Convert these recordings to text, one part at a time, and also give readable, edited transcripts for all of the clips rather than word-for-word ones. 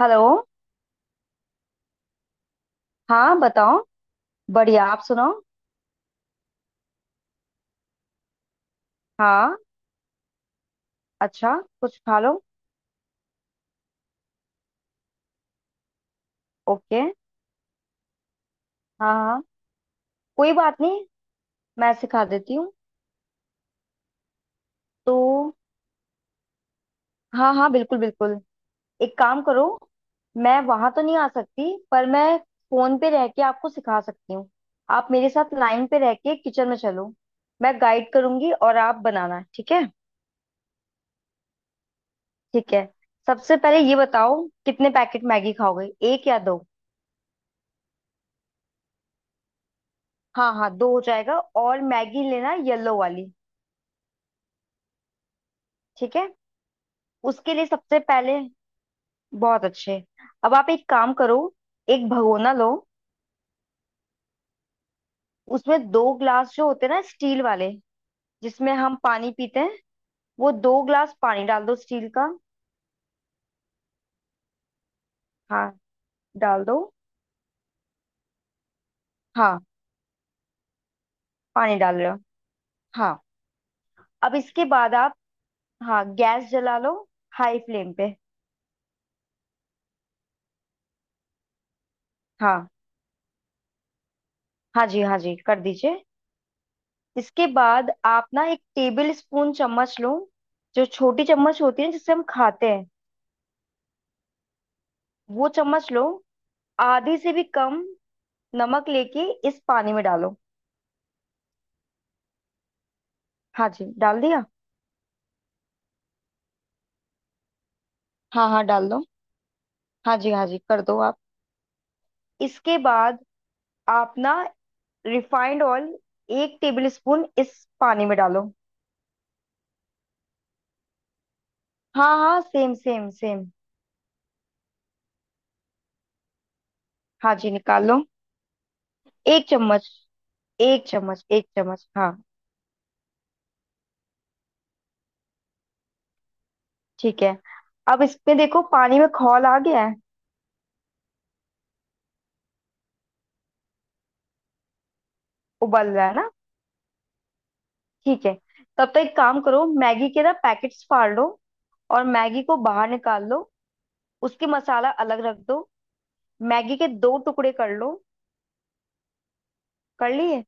Hello. हाँ बताओ। बढ़िया आप सुनाओ। हाँ। अच्छा कुछ खा लो। ओके। हाँ हाँ कोई बात नहीं। मैं सिखा देती हूँ। तो हाँ हाँ बिल्कुल बिल्कुल एक काम करो। मैं वहां तो नहीं आ सकती पर मैं फोन पे रह के आपको सिखा सकती हूँ। आप मेरे साथ लाइन पे रह के किचन में चलो। मैं गाइड करूंगी और आप बनाना ठीक है। ठीक है सबसे पहले ये बताओ कितने पैकेट मैगी खाओगे, एक या दो? हाँ हाँ दो हो जाएगा और मैगी लेना येलो वाली। ठीक है उसके लिए सबसे पहले बहुत अच्छे अब आप एक काम करो, एक भगोना लो। उसमें दो ग्लास जो होते हैं ना स्टील वाले जिसमें हम पानी पीते हैं, वो दो ग्लास पानी डाल दो स्टील का। हाँ डाल दो। हाँ पानी डाल रहे हो? हाँ अब इसके बाद आप हाँ गैस जला लो हाई फ्लेम पे। हाँ हाँ जी हाँ जी कर दीजिए। इसके बाद आप ना एक टेबल स्पून चम्मच लो जो छोटी चम्मच होती है जिससे हम खाते हैं, वो चम्मच लो। आधे से भी कम नमक लेके इस पानी में डालो। हाँ जी डाल दिया। हाँ हाँ डाल दो। हाँ जी हाँ जी कर दो आप। इसके बाद आप ना रिफाइंड ऑयल एक टेबल स्पून इस पानी में डालो। हाँ हाँ सेम सेम सेम। हाँ जी निकाल लो। एक चम्मच एक चम्मच एक चम्मच हाँ ठीक है। अब इसमें देखो पानी में खौल आ गया है उबल रहा है ना। ठीक है तब तक एक काम करो, मैगी के ना पैकेट्स फाड़ लो और मैगी को बाहर निकाल लो। उसके मसाला अलग रख दो। मैगी के दो टुकड़े कर लो। कर लिए?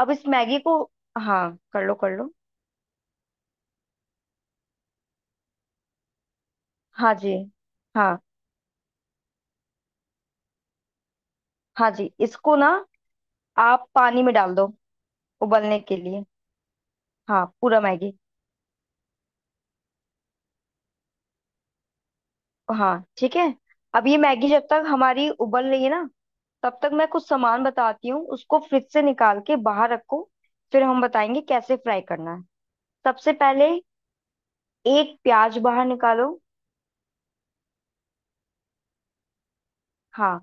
अब इस मैगी को हाँ कर लो कर लो। हाँ जी हाँ हाँ जी इसको ना आप पानी में डाल दो उबलने के लिए। हाँ पूरा मैगी। हाँ ठीक है। अब ये मैगी जब तक हमारी उबल रही है ना तब तक मैं कुछ सामान बताती हूँ, उसको फ्रिज से निकाल के बाहर रखो। फिर हम बताएंगे कैसे फ्राई करना है। सबसे पहले एक प्याज बाहर निकालो। हाँ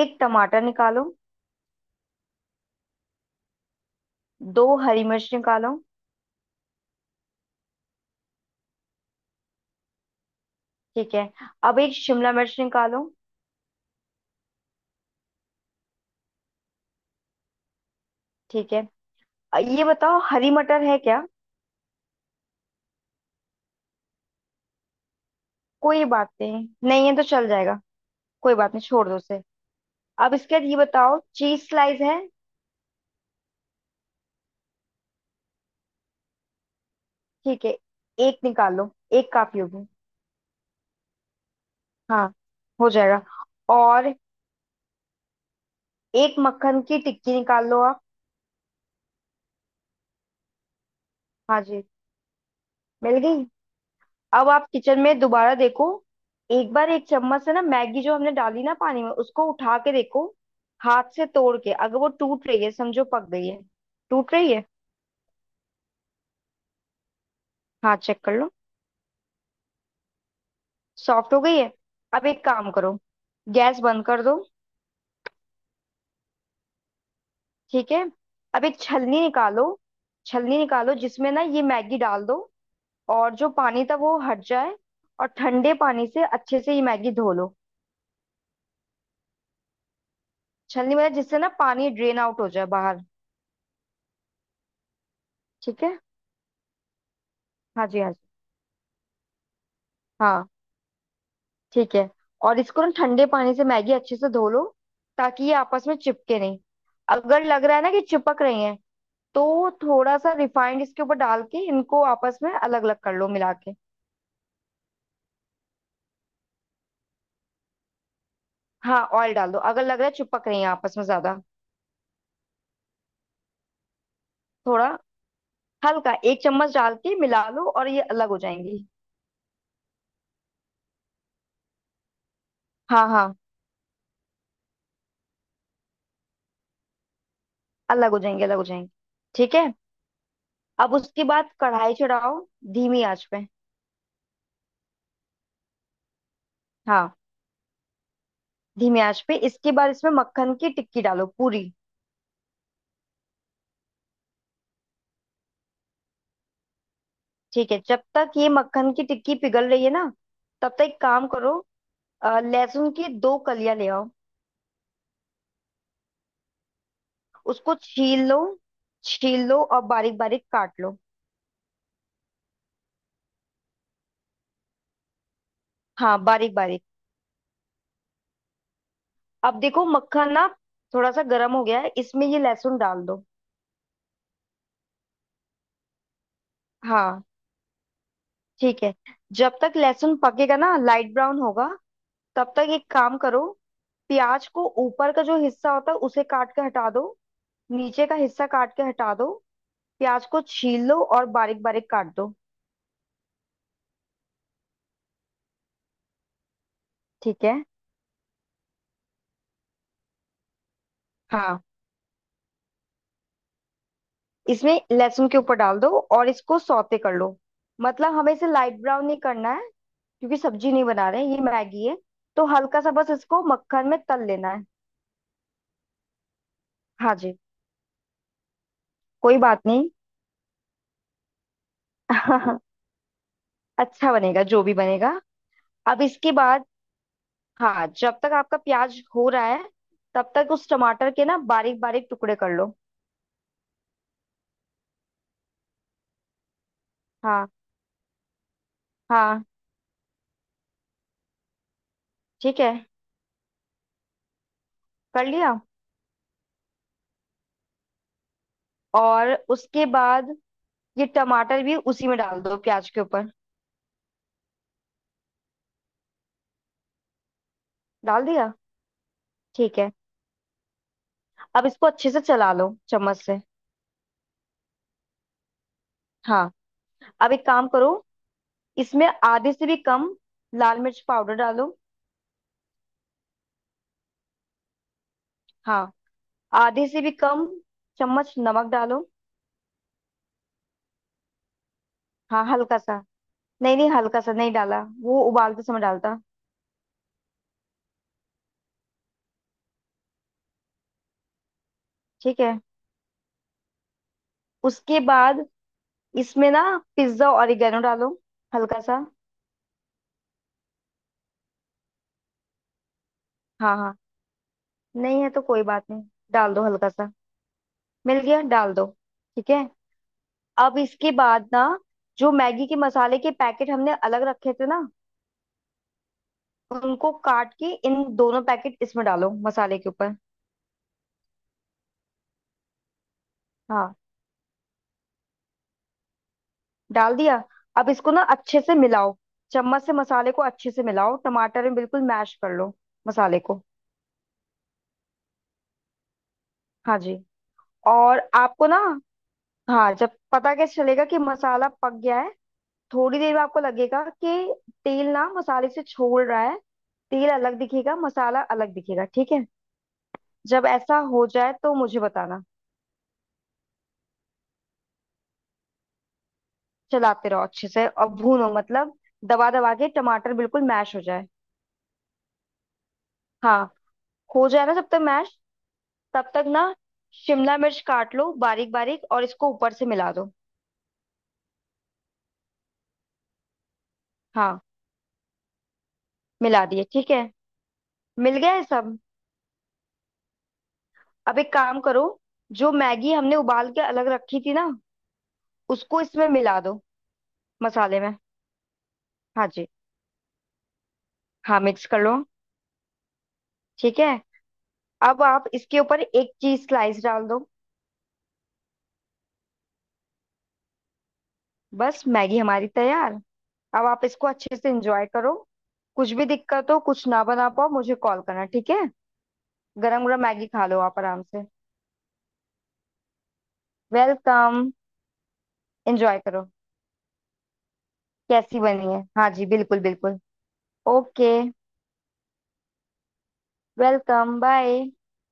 एक टमाटर निकालो। दो हरी मिर्च निकालो। ठीक है अब एक शिमला मिर्च निकालो। ठीक है ये बताओ हरी मटर है क्या? कोई बात नहीं नहीं है तो चल जाएगा। कोई बात नहीं छोड़ दो उसे। अब इसके बाद ये बताओ चीज स्लाइस है? ठीक है एक निकालो एक काफी होगी। हाँ हो जाएगा और एक मक्खन की टिक्की निकाल लो आप। हाँ जी मिल गई। अब आप किचन में दोबारा देखो एक बार एक चम्मच से ना मैगी जो हमने डाली ना पानी में उसको उठा के देखो, हाथ से तोड़ के अगर वो टूट रही है समझो पक गई है। टूट रही है? हाँ चेक कर लो। सॉफ्ट हो गई है? अब एक काम करो गैस बंद कर दो। ठीक है अब एक छलनी निकालो। छलनी निकालो जिसमें ना ये मैगी डाल दो और जो पानी था वो हट जाए। और ठंडे पानी से अच्छे से ये मैगी धो लो। छलनी में जिससे ना पानी ड्रेन आउट हो जाए बाहर। ठीक है हाँ जी हाँ जी हाँ ठीक है। और इसको ना ठंडे पानी से मैगी अच्छे से धो लो ताकि ये आपस में चिपके नहीं। अगर लग रहा है ना कि चिपक रही है तो थोड़ा सा रिफाइंड इसके ऊपर डाल के इनको आपस में अलग अलग कर लो मिला के। हाँ ऑयल डाल दो अगर लग रहा है चिपक रही है आपस में ज्यादा। थोड़ा हल्का एक चम्मच डाल के मिला लो और ये अलग हो जाएंगी। हाँ हाँ अलग हो जाएंगे अलग हो जाएंगे। ठीक है अब उसके बाद कढ़ाई चढ़ाओ धीमी आंच पे। हाँ धीमी आंच पे इसके बाद इसमें मक्खन की टिक्की डालो पूरी। ठीक है जब तक ये मक्खन की टिक्की पिघल रही है ना तब तक एक काम करो, लहसुन की दो कलियां ले आओ। उसको छील लो। छील लो और बारीक बारीक काट लो। हाँ बारीक बारीक। अब देखो मक्खन ना थोड़ा सा गर्म हो गया है इसमें ये लहसुन डाल दो। हाँ ठीक है जब तक लहसुन पकेगा ना लाइट ब्राउन होगा तब तक एक काम करो, प्याज को ऊपर का जो हिस्सा होता है उसे काट के हटा दो। नीचे का हिस्सा काट के हटा दो। प्याज को छील लो और बारीक बारीक काट दो। ठीक है हाँ इसमें लहसुन के ऊपर डाल दो और इसको सौते कर लो। मतलब हमें इसे लाइट ब्राउन नहीं करना है क्योंकि सब्जी नहीं बना रहे ये मैगी है। तो हल्का सा बस इसको मक्खन में तल लेना है। हाँ जी कोई बात नहीं। अच्छा बनेगा जो भी बनेगा। अब इसके बाद हाँ जब तक आपका प्याज हो रहा है तब तक उस टमाटर के ना बारीक बारीक टुकड़े कर लो। हाँ हाँ ठीक है कर लिया। और उसके बाद ये टमाटर भी उसी में डाल दो प्याज के ऊपर। डाल दिया? ठीक है अब इसको अच्छे से चला लो चम्मच से। हाँ अब एक काम करो इसमें आधे से भी कम लाल मिर्च पाउडर डालो। हाँ आधे से भी कम चम्मच नमक डालो। हाँ हल्का सा। नहीं नहीं हल्का सा नहीं डाला वो उबालते समय डालता। ठीक है उसके बाद इसमें ना पिज्जा ऑरिगेनो डालो हल्का सा। हाँ हाँ नहीं है तो कोई बात नहीं। डाल दो हल्का सा। मिल गया डाल दो। ठीक है अब इसके बाद ना जो मैगी के मसाले के पैकेट हमने अलग रखे थे ना उनको काट के इन दोनों पैकेट इसमें डालो मसाले के ऊपर। हाँ डाल दिया। अब इसको ना अच्छे से मिलाओ। चम्मच से मसाले को अच्छे से मिलाओ टमाटर में बिल्कुल मैश कर लो मसाले को। हाँ जी और आपको ना हाँ जब पता कैसे चलेगा कि मसाला पक गया है, थोड़ी देर में आपको लगेगा कि तेल ना मसाले से छोड़ रहा है, तेल अलग दिखेगा मसाला अलग दिखेगा ठीक है। जब ऐसा हो जाए तो मुझे बताना। चलाते रहो अच्छे से और भूनो मतलब दबा दबा के टमाटर बिल्कुल मैश हो जाए। हाँ हो जाए ना जब तक मैश तब तक ना शिमला मिर्च काट लो बारीक बारीक और इसको ऊपर से मिला दो। हाँ मिला दिए। ठीक है मिल गया है सब। अब एक काम करो जो मैगी हमने उबाल के अलग रखी थी ना उसको इसमें मिला दो मसाले में। हाँ जी हाँ मिक्स कर लो। ठीक है अब आप इसके ऊपर एक चीज स्लाइस डाल दो। बस मैगी हमारी तैयार। अब आप इसको अच्छे से एंजॉय करो। कुछ भी दिक्कत हो कुछ ना बना पाओ मुझे कॉल करना ठीक है। गरम गरम मैगी खा लो आप आराम से। वेलकम एंजॉय करो। कैसी बनी है हाँ जी बिल्कुल बिल्कुल। Okay welcome bye.